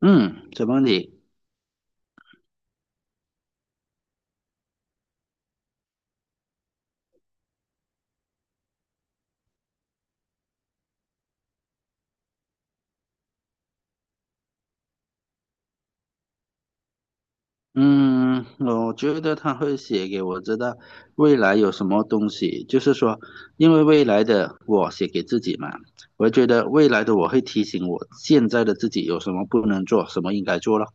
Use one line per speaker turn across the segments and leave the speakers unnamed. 嗯，什么你？嗯，我觉得他会写给我知道未来有什么东西，就是说，因为未来的我写给自己嘛，我觉得未来的我会提醒我现在的自己有什么不能做，什么应该做了。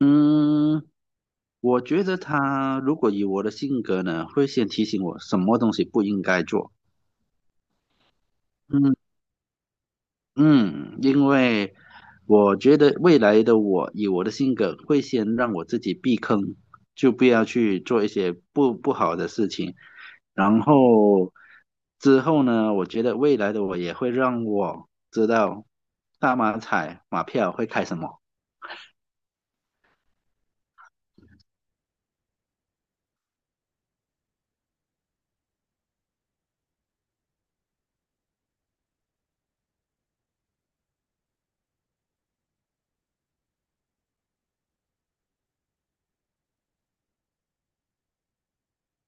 嗯，我觉得他如果以我的性格呢，会先提醒我什么东西不应该做。嗯。嗯，因为我觉得未来的我以我的性格会先让我自己避坑，就不要去做一些不好的事情。然后之后呢，我觉得未来的我也会让我知道大马彩马票会开什么。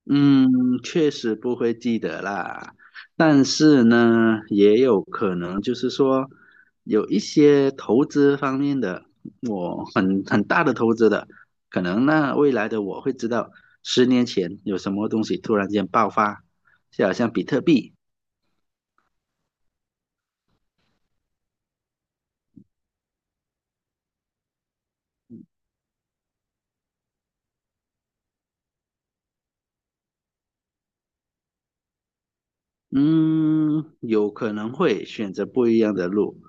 嗯，确实不会记得啦，但是呢，也有可能就是说，有一些投资方面的，我很大的投资的，可能那未来的我会知道，10年前有什么东西突然间爆发，就好像比特币。嗯，有可能会选择不一样的路，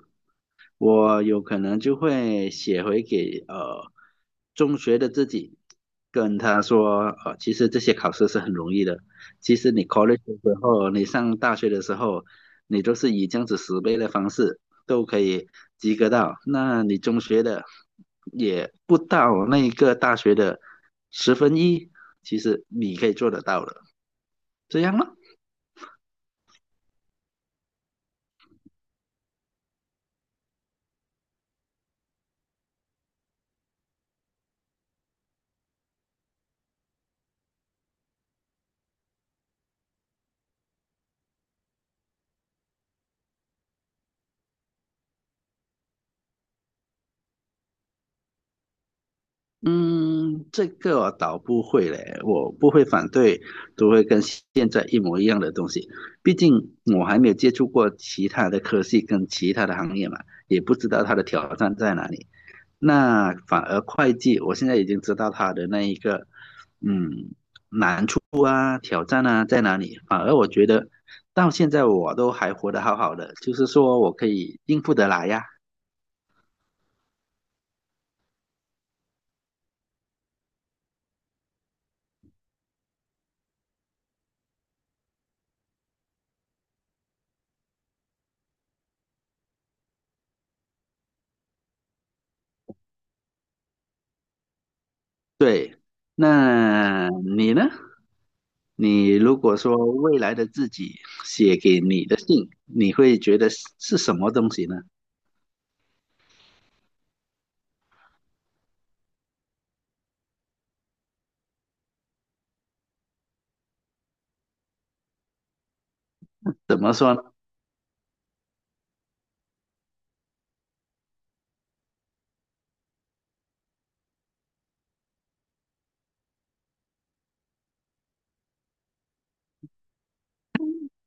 我有可能就会写回给中学的自己，跟他说，其实这些考试是很容易的。其实你 college 的时候，你上大学的时候，你都是以这样子10倍的方式都可以及格到。那你中学的也不到那一个大学的十分一，其实你可以做得到的，这样吗？嗯，这个我倒不会嘞，我不会反对都会跟现在一模一样的东西，毕竟我还没有接触过其他的科技跟其他的行业嘛，也不知道它的挑战在哪里。那反而会计，我现在已经知道它的那一个，嗯，难处啊、挑战啊在哪里。反而我觉得到现在我都还活得好好的，就是说我可以应付得来呀。对，那你呢？你如果说未来的自己写给你的信，你会觉得是什么东西呢？怎么说呢？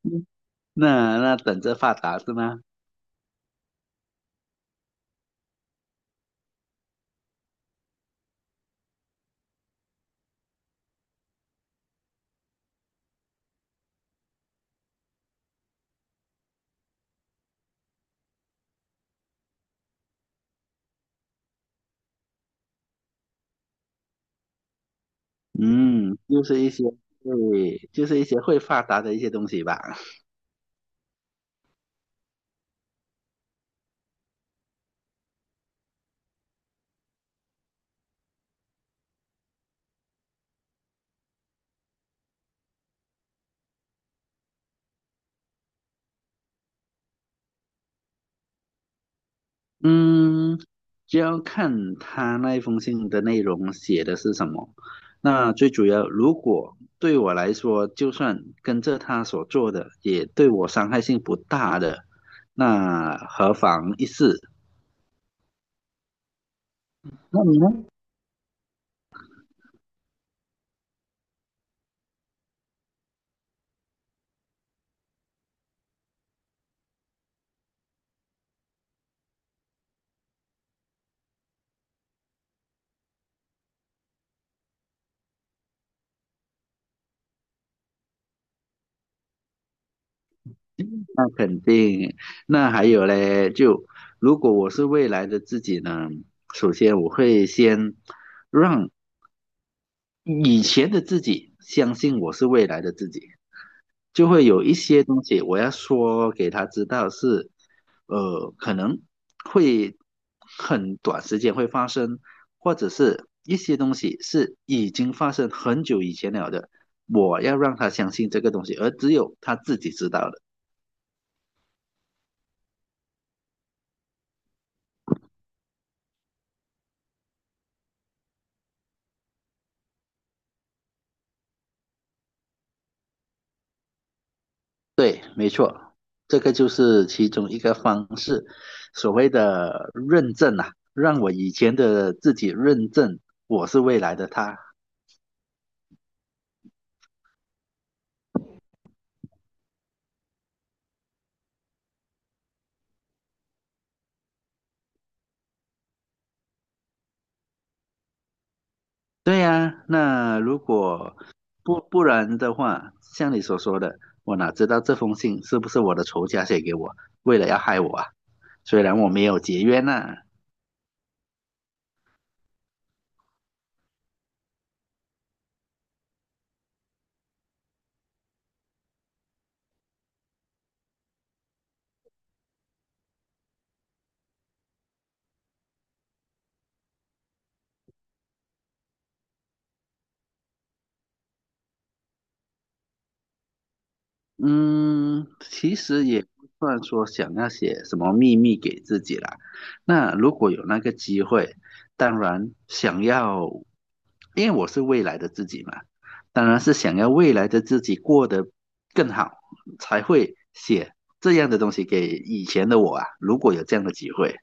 嗯，那等着发达是吗？嗯，就是一些对，就是一些会发达的一些东西吧。嗯，就要看他那一封信的内容写的是什么。那最主要，如果对我来说，就算跟着他所做的，也对我伤害性不大的，那何妨一试？那你呢？那肯定，那还有嘞，就如果我是未来的自己呢，首先我会先让以前的自己相信我是未来的自己，就会有一些东西我要说给他知道是，呃，可能会很短时间会发生，或者是一些东西是已经发生很久以前了的，我要让他相信这个东西，而只有他自己知道的。对，没错，这个就是其中一个方式，所谓的认证啊，让我以前的自己认证我是未来的他。对呀，那如果不然的话，像你所说的，我哪知道这封信是不是我的仇家写给我，为了要害我啊？虽然我没有结冤呐、嗯，其实也不算说想要写什么秘密给自己啦。那如果有那个机会，当然想要，因为我是未来的自己嘛，当然是想要未来的自己过得更好，才会写这样的东西给以前的我啊。如果有这样的机会，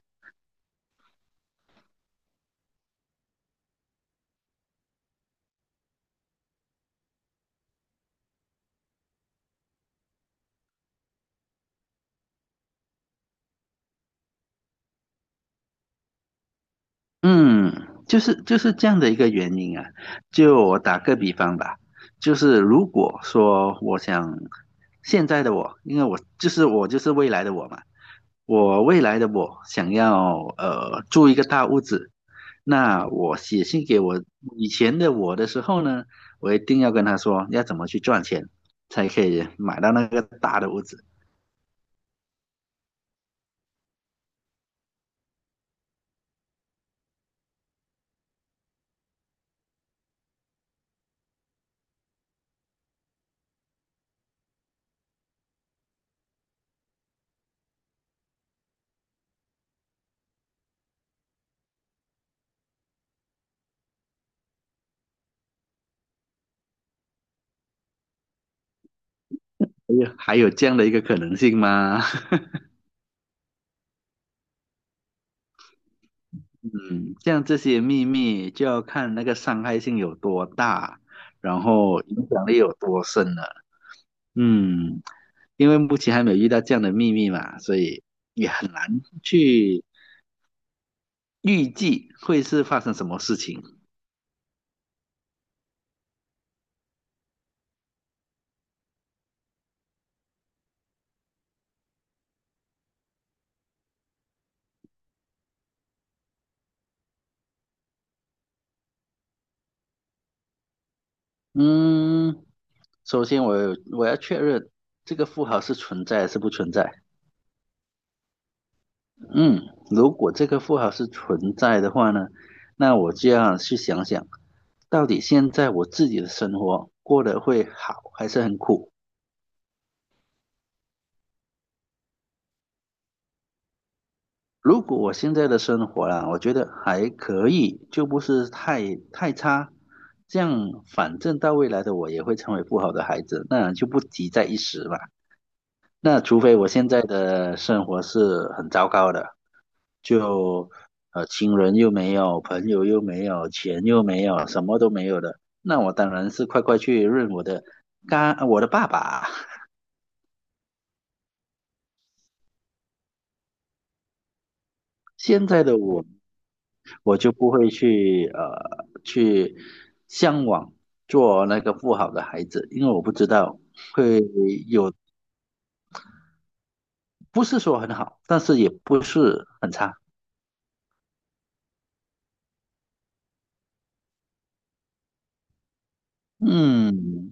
嗯，就是这样的一个原因啊。就我打个比方吧，就是如果说我想现在的我，因为我就是未来的我嘛，我未来的我想要住一个大屋子，那我写信给我以前的我的时候呢，我一定要跟他说要怎么去赚钱才可以买到那个大的屋子。哎呀，还有这样的一个可能性吗？嗯，像这些秘密就要看那个伤害性有多大，然后影响力有多深了。嗯，因为目前还没有遇到这样的秘密嘛，所以也很难去预计会是发生什么事情。嗯，首先我有我要确认这个富豪是存在还是不存在。嗯，如果这个富豪是存在的话呢，那我就要去想想，到底现在我自己的生活过得会好还是很苦。如果我现在的生活啦，我觉得还可以，就不是太差。这样，反正到未来的我也会成为不好的孩子，那就不急在一时嘛。那除非我现在的生活是很糟糕的，就亲人又没有，朋友又没有，钱又没有，什么都没有的，那我当然是快快去认我的干我的爸爸。现在的我就不会去向往做那个不好的孩子，因为我不知道会有，不是说很好，但是也不是很差。嗯，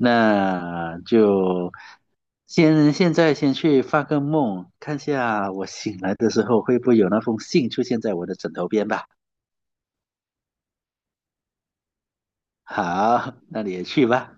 那就先现在先去发个梦，看下我醒来的时候会不会有那封信出现在我的枕头边吧。好，那你也去吧。